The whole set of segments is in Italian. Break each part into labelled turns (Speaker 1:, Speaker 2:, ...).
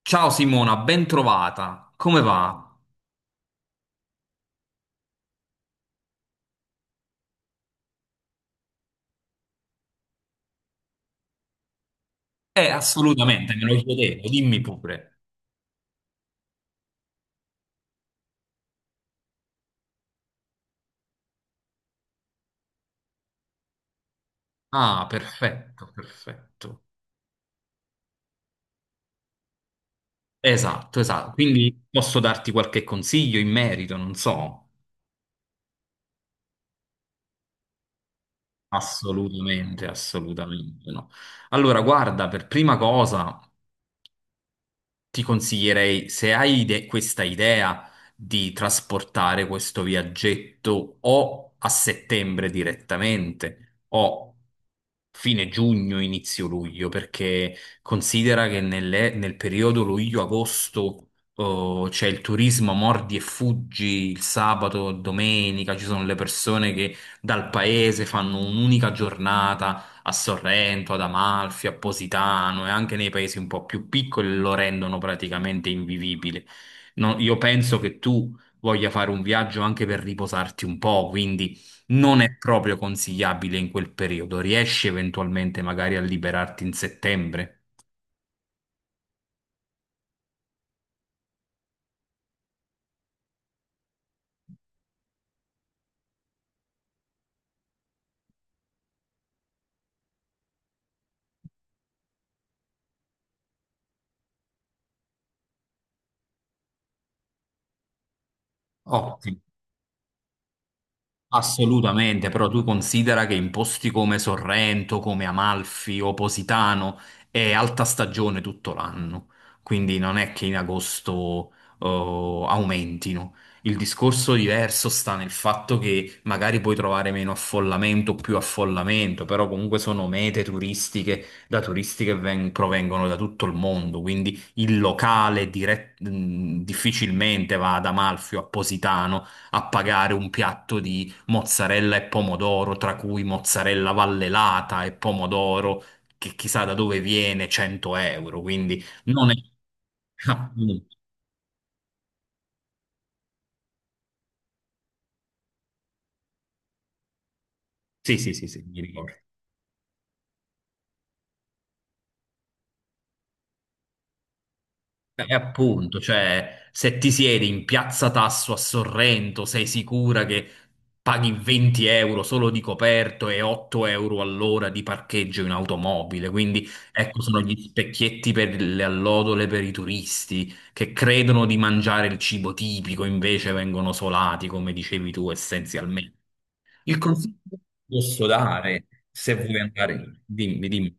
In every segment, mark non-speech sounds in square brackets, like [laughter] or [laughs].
Speaker 1: Ciao Simona, ben trovata. Come va? Assolutamente, me lo chiedevo, dimmi pure. Ah, perfetto, perfetto. Esatto, esatto. Quindi posso darti qualche consiglio in merito, non so. Assolutamente, assolutamente no. Allora, guarda, per prima cosa, ti consiglierei, se questa idea di trasportare questo viaggetto o a settembre direttamente o fine giugno, inizio luglio, perché considera che nel periodo luglio-agosto oh, c'è il turismo mordi e fuggi il sabato, domenica, ci sono le persone che dal paese fanno un'unica giornata a Sorrento, ad Amalfi, a Positano, e anche nei paesi un po' più piccoli lo rendono praticamente invivibile. No, io penso che tu voglia fare un viaggio anche per riposarti un po', quindi non è proprio consigliabile in quel periodo. Riesci eventualmente magari a liberarti in settembre? Ottimo. Assolutamente, però tu considera che in posti come Sorrento, come Amalfi o Positano è alta stagione tutto l'anno, quindi non è che in agosto aumentino. Il discorso diverso sta nel fatto che magari puoi trovare meno affollamento o più affollamento, però comunque sono mete turistiche da turisti che provengono da tutto il mondo, quindi il locale difficilmente va ad Amalfi o a Positano a pagare un piatto di mozzarella e pomodoro, tra cui mozzarella vallelata e pomodoro, che chissà da dove viene, 100 euro, quindi non è... [laughs] Ah, sì, sì, sì, sì, mi ricordo. E appunto, cioè, se ti siedi in Piazza Tasso a Sorrento, sei sicura che paghi 20 euro solo di coperto e 8 euro all'ora di parcheggio in automobile? Quindi, ecco, sono gli specchietti per le allodole per i turisti che credono di mangiare il cibo tipico, invece vengono solati, come dicevi tu, essenzialmente. Il consiglio che posso dare, se vuoi andare, dimmi, dimmi.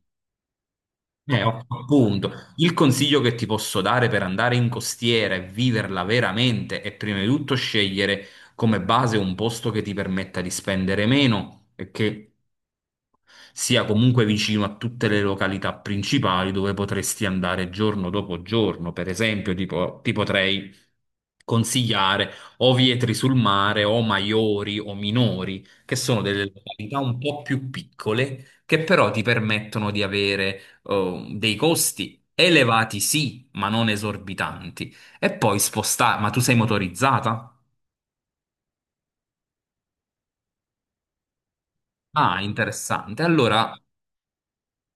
Speaker 1: Appunto, il consiglio che ti posso dare per andare in costiera e viverla veramente è prima di tutto scegliere come base un posto che ti permetta di spendere meno e che sia comunque vicino a tutte le località principali dove potresti andare giorno dopo giorno. Per esempio, tipo, ti potrei consigliare o Vietri sul Mare o Maiori o Minori, che sono delle località un po' più piccole, che però ti permettono di avere dei costi. Elevati sì, ma non esorbitanti. E poi spostare, ma tu sei motorizzata? Ah, interessante. Allora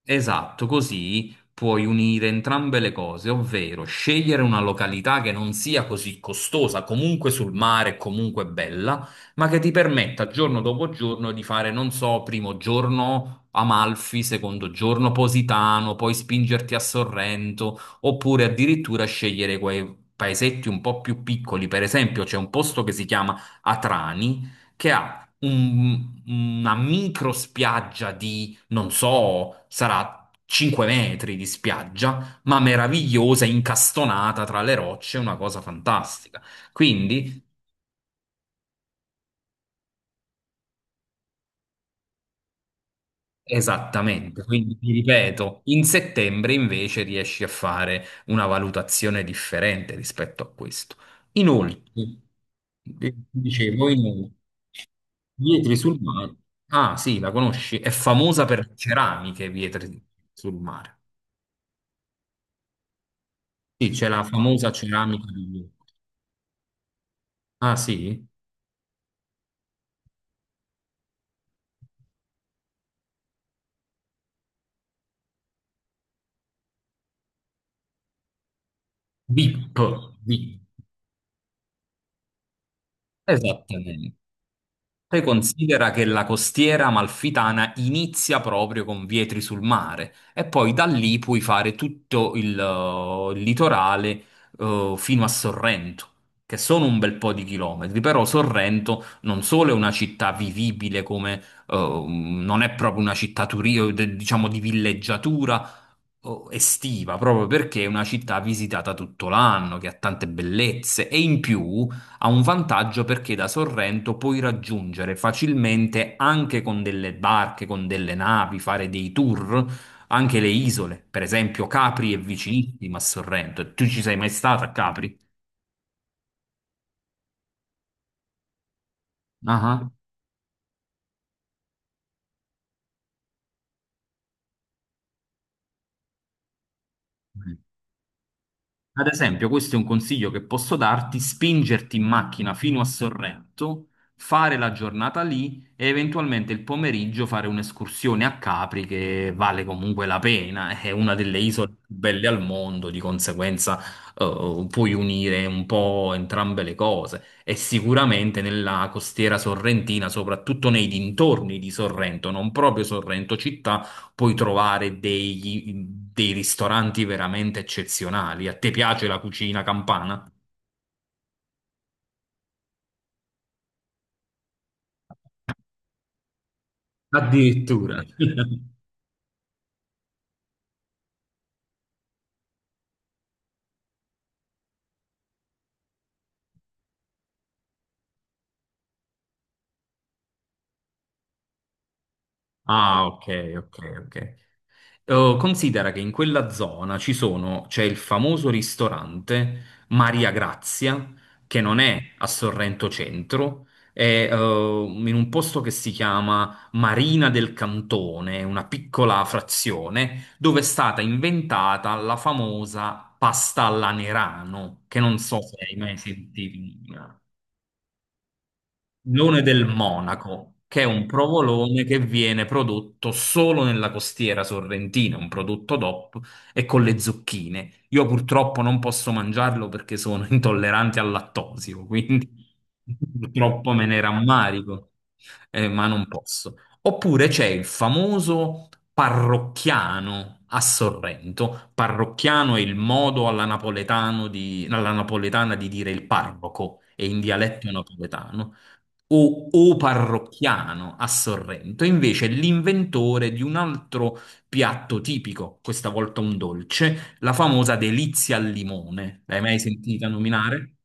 Speaker 1: esatto, così puoi unire entrambe le cose, ovvero scegliere una località che non sia così costosa, comunque sul mare, comunque bella, ma che ti permetta giorno dopo giorno di fare, non so, primo giorno Amalfi, secondo giorno Positano, poi spingerti a Sorrento, oppure addirittura scegliere quei paesetti un po' più piccoli. Per esempio, c'è un posto che si chiama Atrani, che ha una micro spiaggia di non so, sarà 5 metri di spiaggia, ma meravigliosa, incastonata tra le rocce, una cosa fantastica. Quindi, esattamente, quindi ti ripeto, in settembre invece riesci a fare una valutazione differente rispetto a questo. Inoltre, dicevo, inoltre, Vietri sul mare. Ah, sì, la conosci? È famosa per ceramiche, Vietri sul mare. Sì, c'è la famosa ceramica di Vietri. Ah, sì? Bip, bip. Esattamente. Poi considera che la costiera amalfitana inizia proprio con Vietri sul mare e poi da lì puoi fare tutto il litorale fino a Sorrento, che sono un bel po' di chilometri, però Sorrento non solo è una città vivibile come non è proprio una città diciamo di villeggiatura estiva, proprio perché è una città visitata tutto l'anno, che ha tante bellezze e in più ha un vantaggio perché da Sorrento puoi raggiungere facilmente, anche con delle barche, con delle navi, fare dei tour, anche le isole. Per esempio, Capri è vicinissima a Sorrento. Tu ci sei mai stata a Capri? Ah. Ah. Ad esempio, questo è un consiglio che posso darti, spingerti in macchina fino a Sorrento, fare la giornata lì e eventualmente il pomeriggio fare un'escursione a Capri, che vale comunque la pena, è una delle isole più belle al mondo, di conseguenza puoi unire un po' entrambe le cose e sicuramente nella costiera sorrentina, soprattutto nei dintorni di Sorrento, non proprio Sorrento città, puoi trovare dei ristoranti veramente eccezionali. A te piace la cucina campana? Addirittura. [laughs] Ah, ok, ok, ok. Oh, considera che in quella zona c'è il famoso ristorante Maria Grazia, che non è a Sorrento Centro, è in un posto che si chiama Marina del Cantone, una piccola frazione, dove è stata inventata la famosa pasta alla Nerano, che non so se hai mai sentito. Provolone del Monaco, che è un provolone che viene prodotto solo nella costiera sorrentina, un prodotto DOP e con le zucchine. Io purtroppo non posso mangiarlo perché sono [laughs] intollerante al lattosio, quindi [laughs] purtroppo me ne rammarico, ma non posso. Oppure c'è il famoso parrocchiano a Sorrento. Parrocchiano è il modo alla napoletana di dire il parroco, è in dialetto napoletano o parrocchiano a Sorrento, invece è l'inventore di un altro piatto tipico, questa volta un dolce, la famosa delizia al limone. L'hai mai sentita nominare?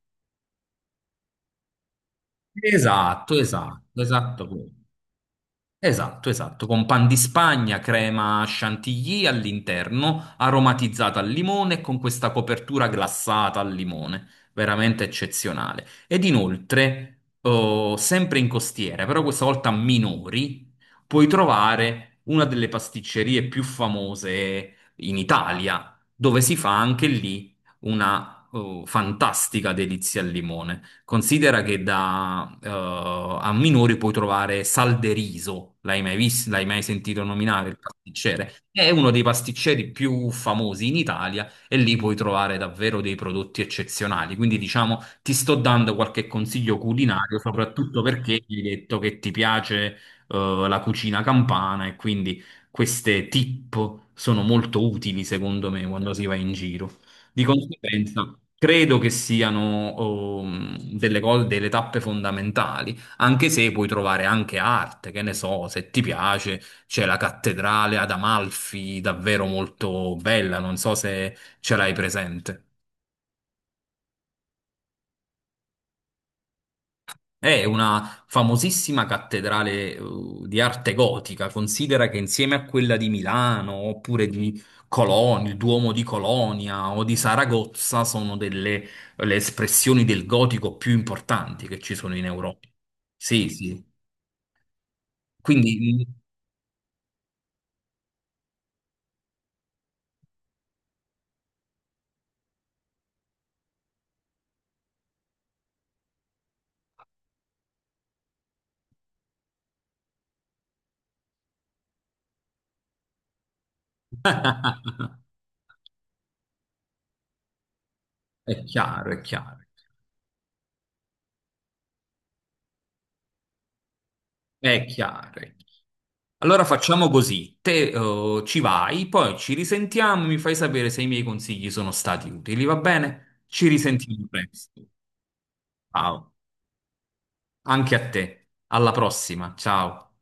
Speaker 1: Esatto, esatto, esatto. Esatto, esatto, con pan di Spagna, crema chantilly all'interno, aromatizzata al limone e con questa copertura glassata al limone, veramente eccezionale. Ed inoltre, oh, sempre in costiera, però questa volta a Minori, puoi trovare una delle pasticcerie più famose in Italia, dove si fa anche lì una, oh, fantastica delizia al limone. Considera che da a Minori puoi trovare Salderiso, l'hai mai visto, l'hai mai sentito nominare il pasticcere? È uno dei pasticceri più famosi in Italia e lì puoi trovare davvero dei prodotti eccezionali. Quindi diciamo, ti sto dando qualche consiglio culinario, soprattutto perché mi hai detto che ti piace la cucina campana e quindi queste tip sono molto utili secondo me quando si va in giro. Di conseguenza, credo che siano delle cose, delle tappe fondamentali, anche se puoi trovare anche arte, che ne so, se ti piace, c'è la cattedrale ad Amalfi, davvero molto bella, non so se ce l'hai presente. È una famosissima cattedrale, di arte gotica. Considera che insieme a quella di Milano, oppure di Colonia, il Duomo di Colonia o di Saragozza, sono delle le espressioni del gotico più importanti che ci sono in Europa. Sì, sì. Quindi è chiaro, è chiaro, è chiaro. Allora facciamo così, te ci vai, poi ci risentiamo, mi fai sapere se i miei consigli sono stati utili, va bene? Ci risentiamo presto. Ciao. Anche a te. Alla prossima. Ciao.